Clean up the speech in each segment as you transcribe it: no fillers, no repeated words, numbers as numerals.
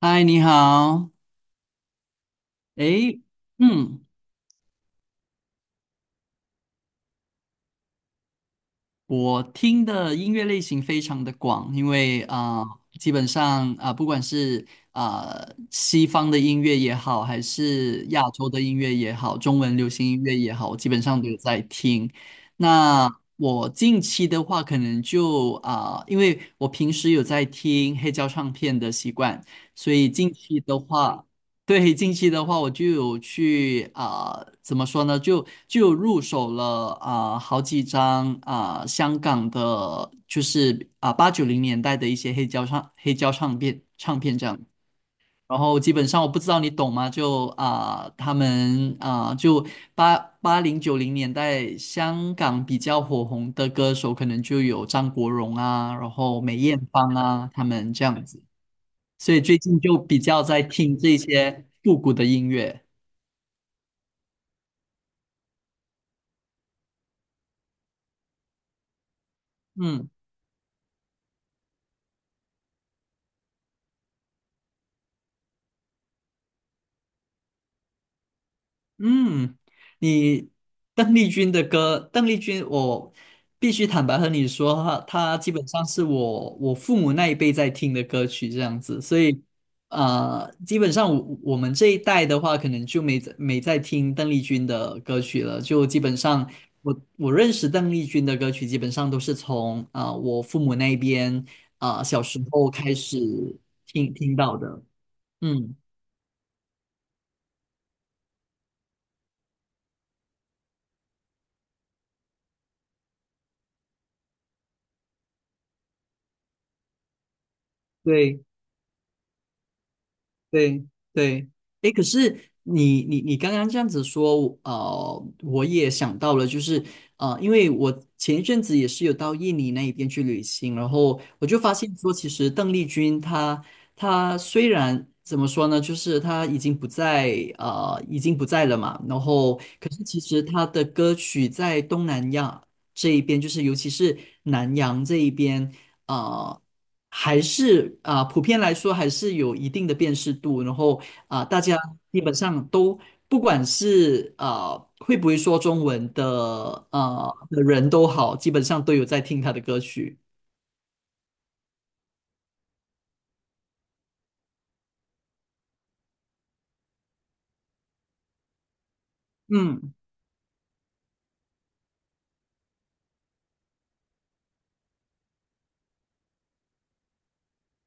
嗨，你好。诶，嗯，我听的音乐类型非常的广，因为基本上不管是西方的音乐也好，还是亚洲的音乐也好，中文流行音乐也好，我基本上都有在听。那我近期的话，可能就因为我平时有在听黑胶唱片的习惯，所以近期的话。对，近期的话，我就有去怎么说呢？就有入手了好几张香港的，就是啊80、90年代的一些黑胶唱片这样。然后基本上我不知道你懂吗？就他们就八零九零年代香港比较火红的歌手，可能就有张国荣啊，然后梅艳芳啊，他们这样子。所以最近就比较在听这些复古的音乐。嗯。嗯，你邓丽君的歌，邓丽君，我必须坦白和你说，她基本上是我父母那一辈在听的歌曲这样子，所以基本上我们这一代的话，可能就没在听邓丽君的歌曲了，就基本上我认识邓丽君的歌曲，基本上都是从我父母那边小时候开始听到的，嗯，对。对对，哎，可是你刚刚这样子说，我也想到了，就是因为我前一阵子也是有到印尼那一边去旅行，然后我就发现说，其实邓丽君她虽然怎么说呢，就是她已经不在已经不在了嘛，然后可是其实她的歌曲在东南亚这一边，就是尤其是南洋这一边。啊、呃还是普遍来说还是有一定的辨识度，然后大家基本上都不管是会不会说中文的人都好，基本上都有在听他的歌曲。嗯，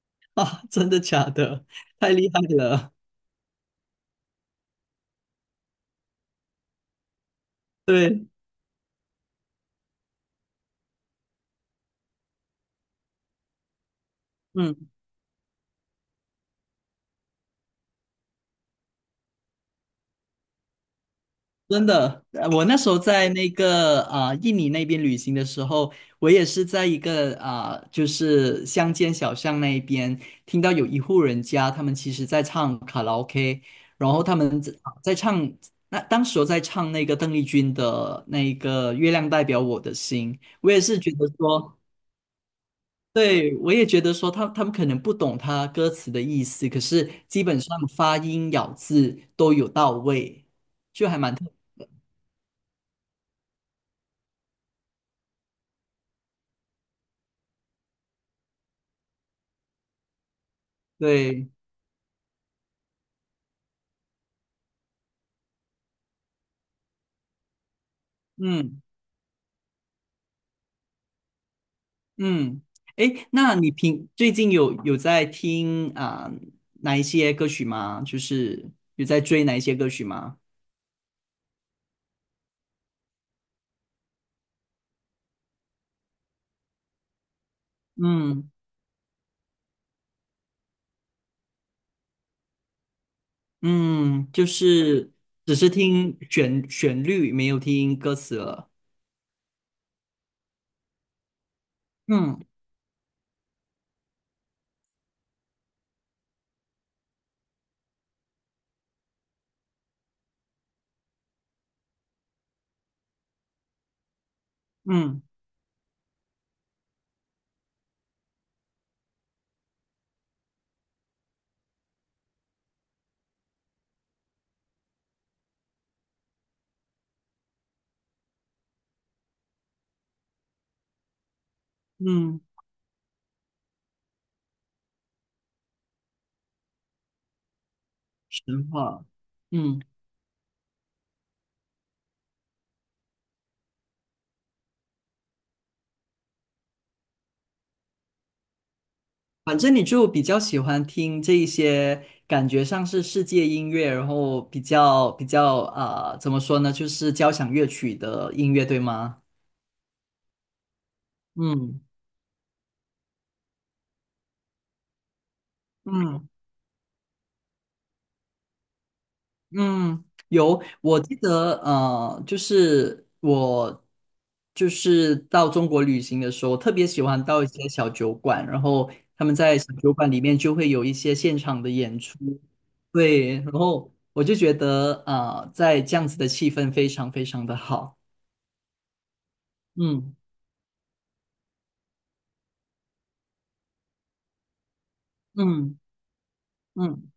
啊，真的假的？太厉害了，对，嗯。真的，我那时候在那个印尼那边旅行的时候，我也是在一个就是乡间小巷那一边，听到有一户人家，他们其实在唱卡拉 OK，然后他们在唱，那当时我在唱那个邓丽君的那个《月亮代表我的心》，我也是觉得说，对，我也觉得说他们可能不懂他歌词的意思，可是基本上发音咬字都有到位，就还蛮特对。嗯嗯，诶，那你平最近有在听哪一些歌曲吗？就是有在追哪一些歌曲吗？嗯嗯，就是只是听旋律，没有听歌词了。嗯嗯嗯，神话。嗯，反正你就比较喜欢听这一些感觉上是世界音乐，然后比较怎么说呢，就是交响乐曲的音乐，对吗？嗯嗯。嗯，有，我记得，就是我就是到中国旅行的时候，特别喜欢到一些小酒馆，然后他们在小酒馆里面就会有一些现场的演出，对，然后我就觉得，在这样子的气氛非常非常的好，嗯嗯嗯，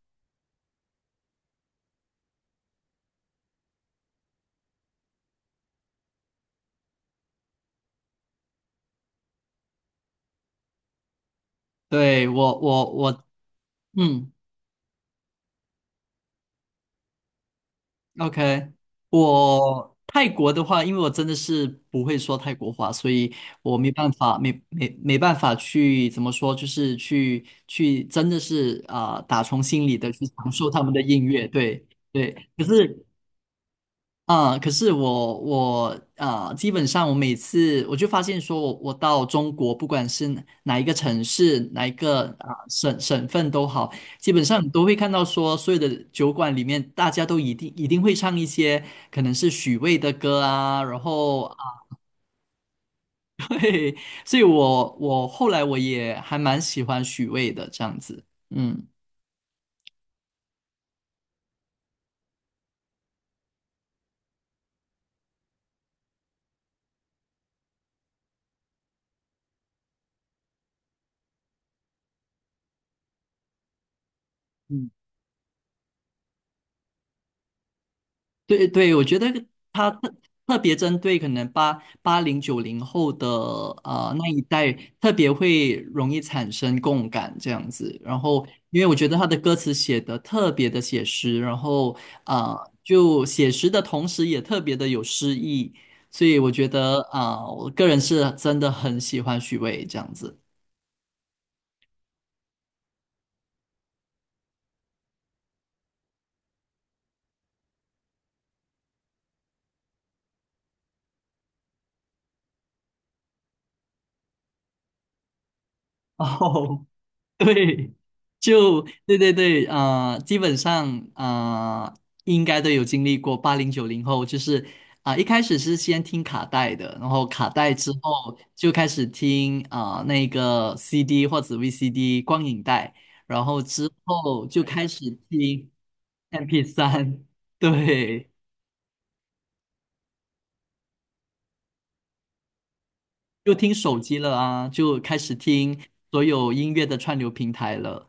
对，我，嗯。OK，我泰国的话，因为我真的是不会说泰国话，所以我没办法，没办法去怎么说，就是去真的是打从心里的去享受他们的音乐，对对。可是可是我基本上我每次我就发现说我，我到中国，不管是哪一个城市、哪一个省份都好，基本上你都会看到说，所有的酒馆里面，大家都一定会唱一些可能是许巍的歌啊，然后啊，嘿，所以我后来我也还蛮喜欢许巍的这样子，嗯嗯。对对，我觉得他特别针对可能八零九零后的那一代，特别会容易产生共感这样子。然后，因为我觉得他的歌词写的特别的写实，然后啊，就写实的同时也特别的有诗意，所以我觉得我个人是真的很喜欢许巍这样子。哦，对，就对对对，啊，基本上啊，应该都有经历过八零九零后，就是一开始是先听卡带的，然后卡带之后就开始听那个 CD 或者 VCD 光影带，然后之后就开始听 MP3，对，就听手机了啊，就开始听所有音乐的串流平台了。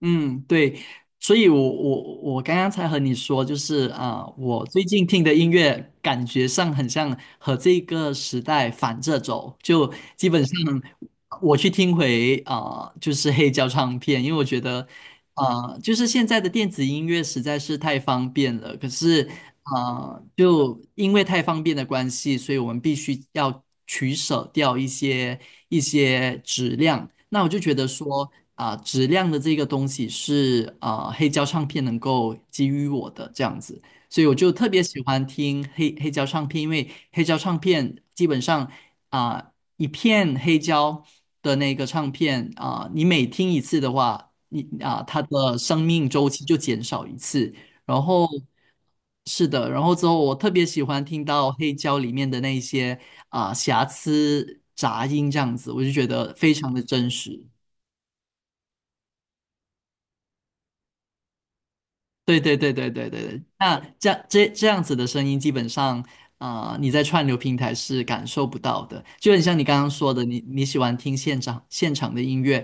嗯，对，所以我刚刚才和你说，就是我最近听的音乐感觉上很像和这个时代反着走，就基本上我去听回就是黑胶唱片，因为我觉得就是现在的电子音乐实在是太方便了，可是就因为太方便的关系，所以我们必须要取舍掉一些质量。那我就觉得说，质量的这个东西是黑胶唱片能够给予我的这样子，所以我就特别喜欢听黑胶唱片，因为黑胶唱片基本上一片黑胶的那个唱片你每听一次的话，你它的生命周期就减少一次。然后是的，然后之后我特别喜欢听到黑胶里面的那一些瑕疵杂音这样子，我就觉得非常的真实。对对对对对对对，那这样这样子的声音，基本上，啊，你在串流平台是感受不到的。就很像你刚刚说的，你喜欢听现场的音乐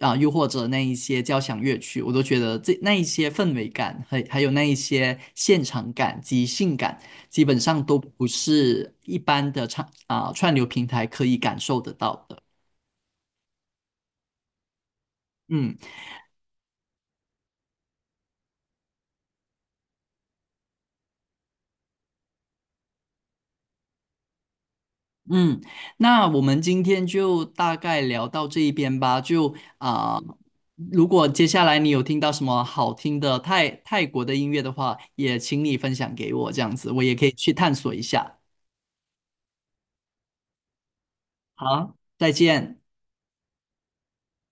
又或者那一些交响乐曲，我都觉得这那一些氛围感，还有那一些现场感、及性感，基本上都不是一般的唱串流平台可以感受得到的。嗯。嗯，那我们今天就大概聊到这一边吧。就如果接下来你有听到什么好听的泰国的音乐的话，也请你分享给我，这样子我也可以去探索一下。好，再见。